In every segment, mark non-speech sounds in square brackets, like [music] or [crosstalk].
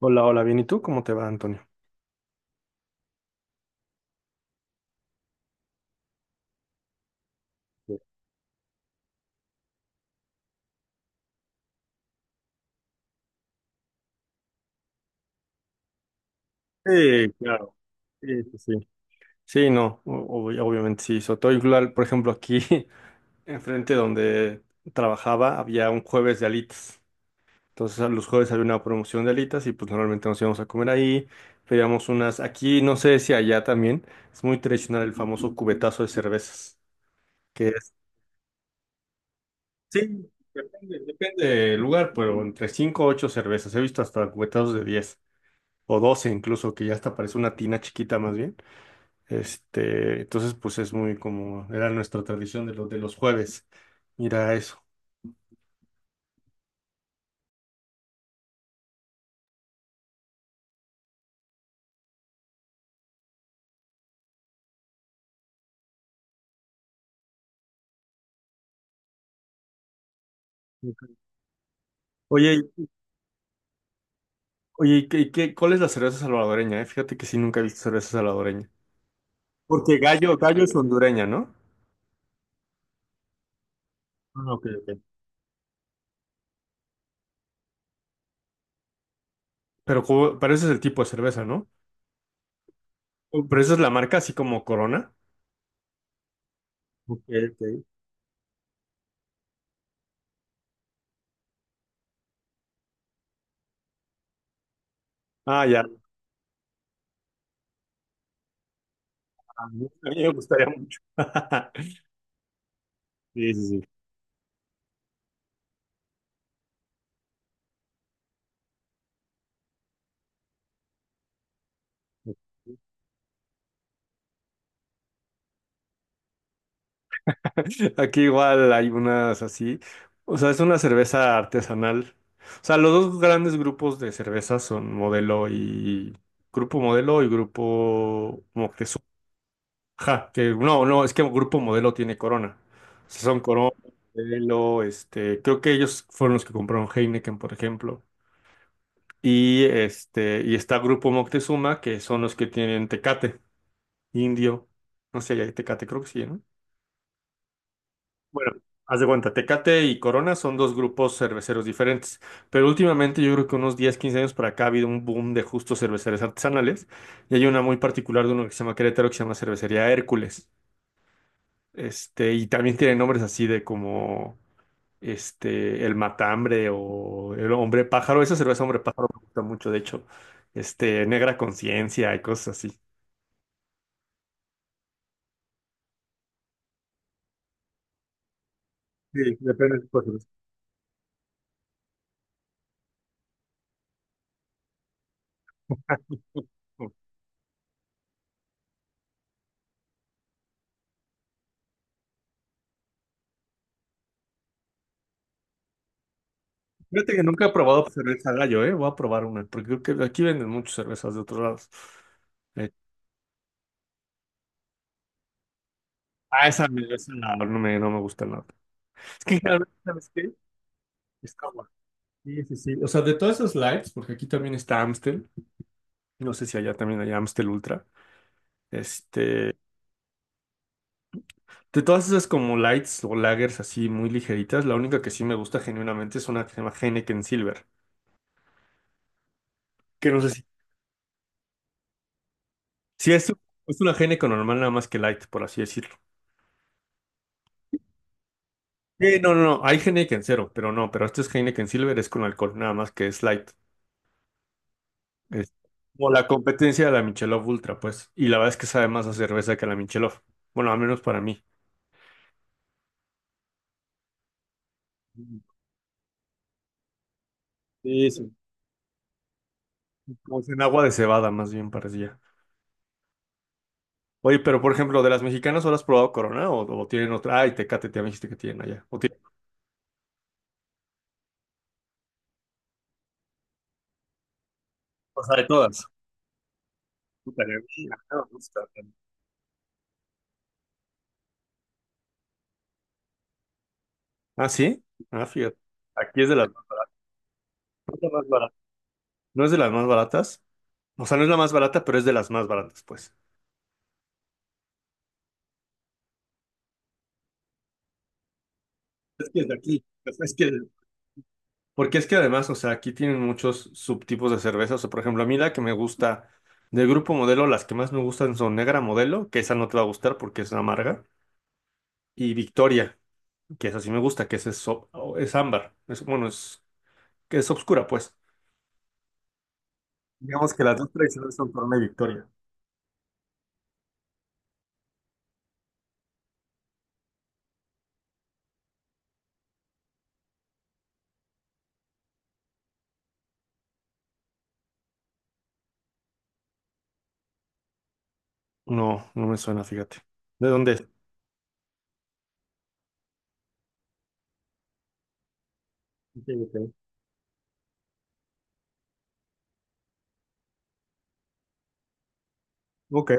Hola, hola, bien. ¿Y tú? ¿Cómo te va, Antonio? Sí, claro. Sí. Sí, no, obviamente sí. Sobre todo igual, por ejemplo, aquí [laughs] enfrente donde trabajaba había un jueves de alitas. Entonces, a los jueves había una promoción de alitas y pues normalmente nos íbamos a comer ahí. Pedíamos unas, aquí no sé si allá también, es muy tradicional el famoso cubetazo de cervezas, que es... Sí, depende del lugar, pero entre 5 o 8 cervezas. He visto hasta cubetazos de 10 o 12 incluso, que ya hasta parece una tina chiquita más bien. Este, entonces, pues es muy como, era nuestra tradición de los jueves, ir a eso. Ok. Oye, y- oye, ¿y cuál es la cerveza salvadoreña? ¿Eh? Fíjate que sí, nunca he visto cerveza salvadoreña. Porque Gallo, Gallo es hondureña, ¿no? Ah, ok, ok. Pero, pero ese es el tipo de cerveza, ¿no? Pero esa es la marca, así como Corona. Ok, ok. Ah, ya. A mí me gustaría mucho. [laughs] Sí, sí, sí. [laughs] Aquí igual hay unas así. O sea, es una cerveza artesanal. O sea, los dos grandes grupos de cervezas son Modelo y Grupo Moctezuma. Ajá, que no, es que Grupo Modelo tiene Corona. O sea, son Corona, Modelo, este, creo que ellos fueron los que compraron Heineken, por ejemplo. Y este, y está Grupo Moctezuma, que son los que tienen Tecate, Indio. No sé, si hay Tecate, creo que sí, ¿no? Bueno, haz de cuenta, Tecate y Corona son dos grupos cerveceros diferentes, pero últimamente yo creo que unos 10 15 años para acá ha habido un boom de justos cerveceros artesanales y hay una muy particular de uno que se llama Querétaro que se llama Cervecería Hércules. Este, y también tiene nombres así de como este el Matambre o el Hombre Pájaro. Esa cerveza Hombre Pájaro me gusta mucho, de hecho, este Negra Conciencia y cosas así. Sí, depende del tipo de cerveza. Fíjate que nunca he probado cerveza gallo, ¿eh? Voy a probar una, porque creo que aquí venden muchas cervezas de otros lados. Eh, esa, esa no me gusta nada. Es que generalmente, ¿sabes qué? Es agua. Sí, sí, sí. O sea, de todas esas lights, porque aquí también está Amstel, no sé si allá también hay Amstel Ultra. Este, de todas esas como lights o lagers así muy ligeritas, la única que sí me gusta genuinamente es una que se llama Heineken Silver, que no sé si es, es una Heineken normal nada más que light, por así decirlo. Sí, no, hay Heineken cero, pero no, pero este es Heineken Silver, es con alcohol, nada más que es light. Es como la competencia de la Michelob Ultra, pues. Y la verdad es que sabe más a cerveza que a la Michelob. Bueno, al menos para mí. Sí, sí. Como es en agua de cebada, más bien parecía. Oye, pero por ejemplo, de las mexicanas, ¿solo has probado Corona o tienen otra? Ay, Tecate, te me dijiste que tienen allá. O, tienen... o sea, de todas. Puta, a mí no me gusta. Ah, sí. Ah, fíjate. Aquí es de las no es de las más baratas. ¿No es de las más baratas? O sea, no es la más barata, pero es de las más baratas, pues. Es que es de aquí. Porque es que además, o sea, aquí tienen muchos subtipos de cerveza. O sea, por ejemplo, a mí la que me gusta del grupo Modelo, las que más me gustan son Negra Modelo, que esa no te va a gustar porque es amarga, y Victoria, que esa sí me gusta, que esa es, es ámbar. Es, bueno, es, que es oscura, pues. Digamos que las dos tradicionales son Corona y Victoria. No, no me suena, fíjate. ¿De dónde es? Ok, ok. Ok,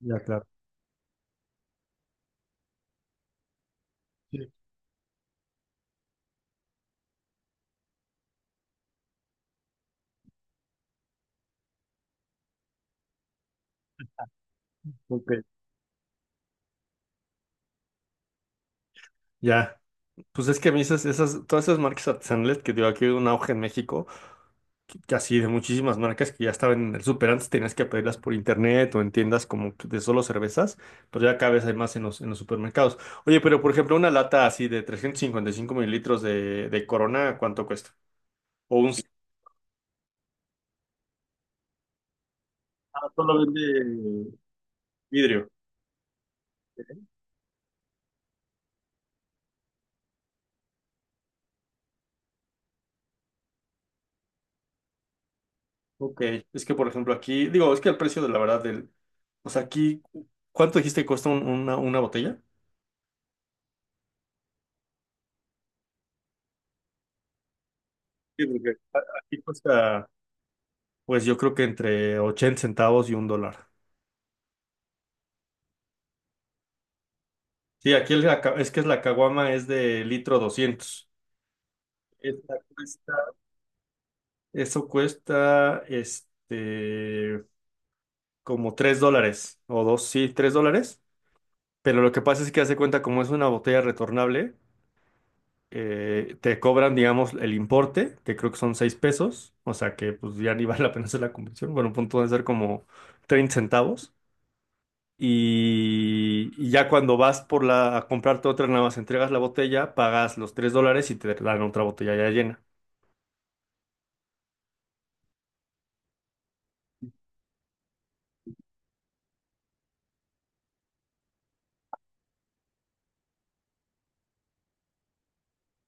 ya, claro. Sí. Ok. Ya, pues es que a mí todas esas marcas artesanales que digo, aquí hay un auge en México. Así de muchísimas marcas que ya estaban en el súper antes, tenías que pedirlas por internet o en tiendas como que de solo cervezas, pues ya cada vez hay más en los supermercados. Oye, pero por ejemplo, una lata así de 355 mililitros de Corona, ¿cuánto cuesta? O un... Ah, solo vende vidrio. Ok, es que por ejemplo aquí, digo, es que el precio de la verdad del, o sea, aquí, ¿cuánto dijiste que cuesta una botella? Sí, porque aquí cuesta, pues yo creo que entre 80 centavos y un dólar. Sí, es que es la caguama es de litro 200. Esta cuesta- Eso cuesta, este, como 3 dólares o dos, sí, 3 dólares. Pero lo que pasa es que hace cuenta, como es una botella retornable, te cobran, digamos, el importe, que creo que son 6 pesos. O sea que pues ya ni [laughs] vale la pena hacer la conversión. Bueno, a punto de ser como 30 centavos. Y ya cuando vas por la, a comprarte otra, nada más entregas la botella, pagas los 3 dólares y te dan otra botella ya llena.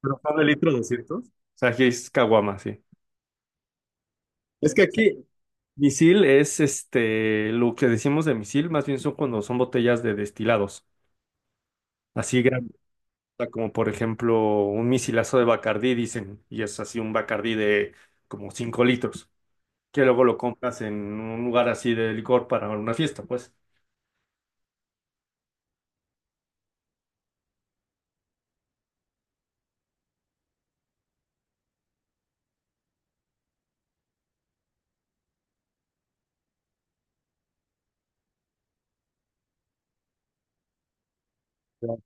Pero son de litro 200. O sea, aquí es caguama, sí. Es que aquí misil es este, lo que decimos de misil, más bien son cuando son botellas de destilados, así grandes, o sea, como por ejemplo un misilazo de Bacardí, dicen, y es así un Bacardí de como 5 litros, que luego lo compras en un lugar así de licor para una fiesta, pues. Claro.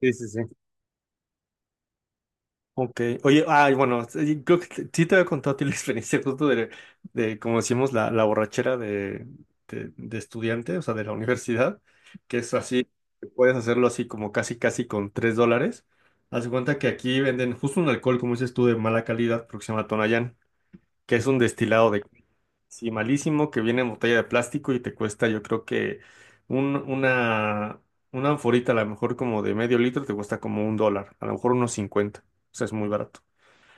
Sí, sí, sí. Ok, oye, ay, bueno, sí, creo que sí te había contado a ti la [laughs] experiencia justo de como decimos, la borrachera de, de estudiante, o sea, de la universidad, que es así, que puedes hacerlo así como casi, casi con tres dólares. Haz de cuenta que aquí venden justo un alcohol, como dices tú, de mala calidad, porque se llama Tonayán, que es un destilado de sí, malísimo, que viene en botella de plástico y te cuesta, yo creo que un, una, una anforita, a lo mejor como de 1/2 litro, te cuesta como un dólar, a lo mejor unos cincuenta, o sea, es muy barato.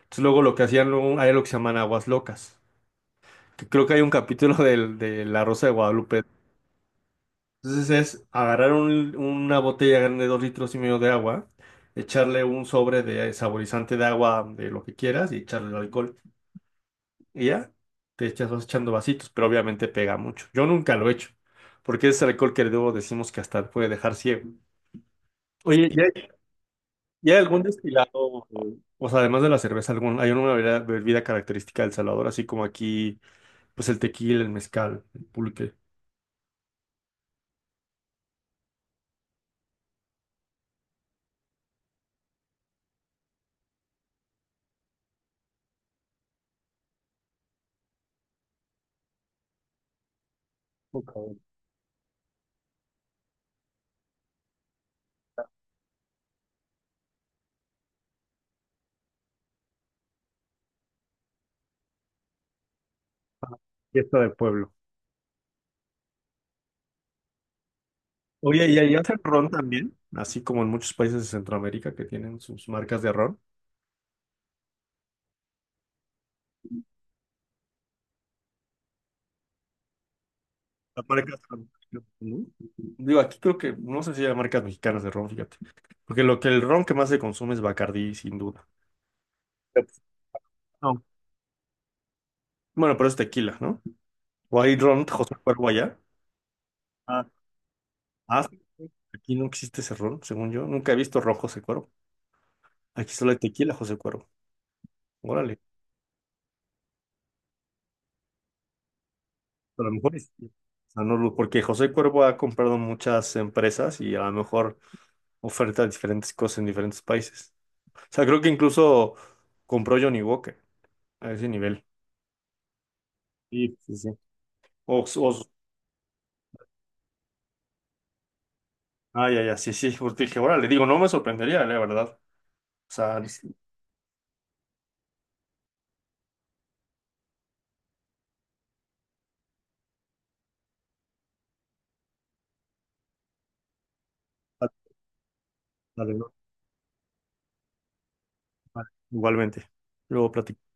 Entonces, luego lo que hacían, luego hay lo que se llaman aguas locas, que creo que hay un capítulo del, de La Rosa de Guadalupe. Entonces es agarrar una botella grande de 2,5 litros de agua, echarle un sobre de saborizante de agua, de lo que quieras, y echarle el alcohol. Y ya, te echas, vas echando vasitos, pero obviamente pega mucho. Yo nunca lo he hecho, porque es alcohol que luego decimos que hasta puede dejar ciego. Oye, ¿y hay, ¿y hay algún destilado, o sea, además de la cerveza, algún, hay una bebida, bebida característica del Salvador, así como aquí? Pues el tequila, el mezcal, el pulque. Ok. Fiesta del pueblo. Oye, ¿y ahí hacen ron también? Así como en muchos países de Centroamérica que tienen sus marcas de ron. Las marcas ¿no? Digo, aquí creo que, no sé si hay marcas mexicanas de ron, fíjate. Porque lo que el ron que más se consume es Bacardí, sin duda. No. Bueno, pero es tequila, ¿no? ¿O hay ron José Cuervo allá? Ah, ah, sí. Aquí no existe ese ron, según yo. Nunca he visto rojo José Cuervo. Aquí solo hay tequila José Cuervo. Órale. A lo mejor es- o sea, no lo- porque José Cuervo ha comprado muchas empresas y a lo mejor oferta diferentes cosas en diferentes países. O sea, creo que incluso compró Johnny Walker a ese nivel. Sí, sí, sí. O, o- ya, sí, sí. Porque dije, le digo, no me sorprendería, la verdad. O sea, vale, vale, no, vale, igualmente. Luego platicamos.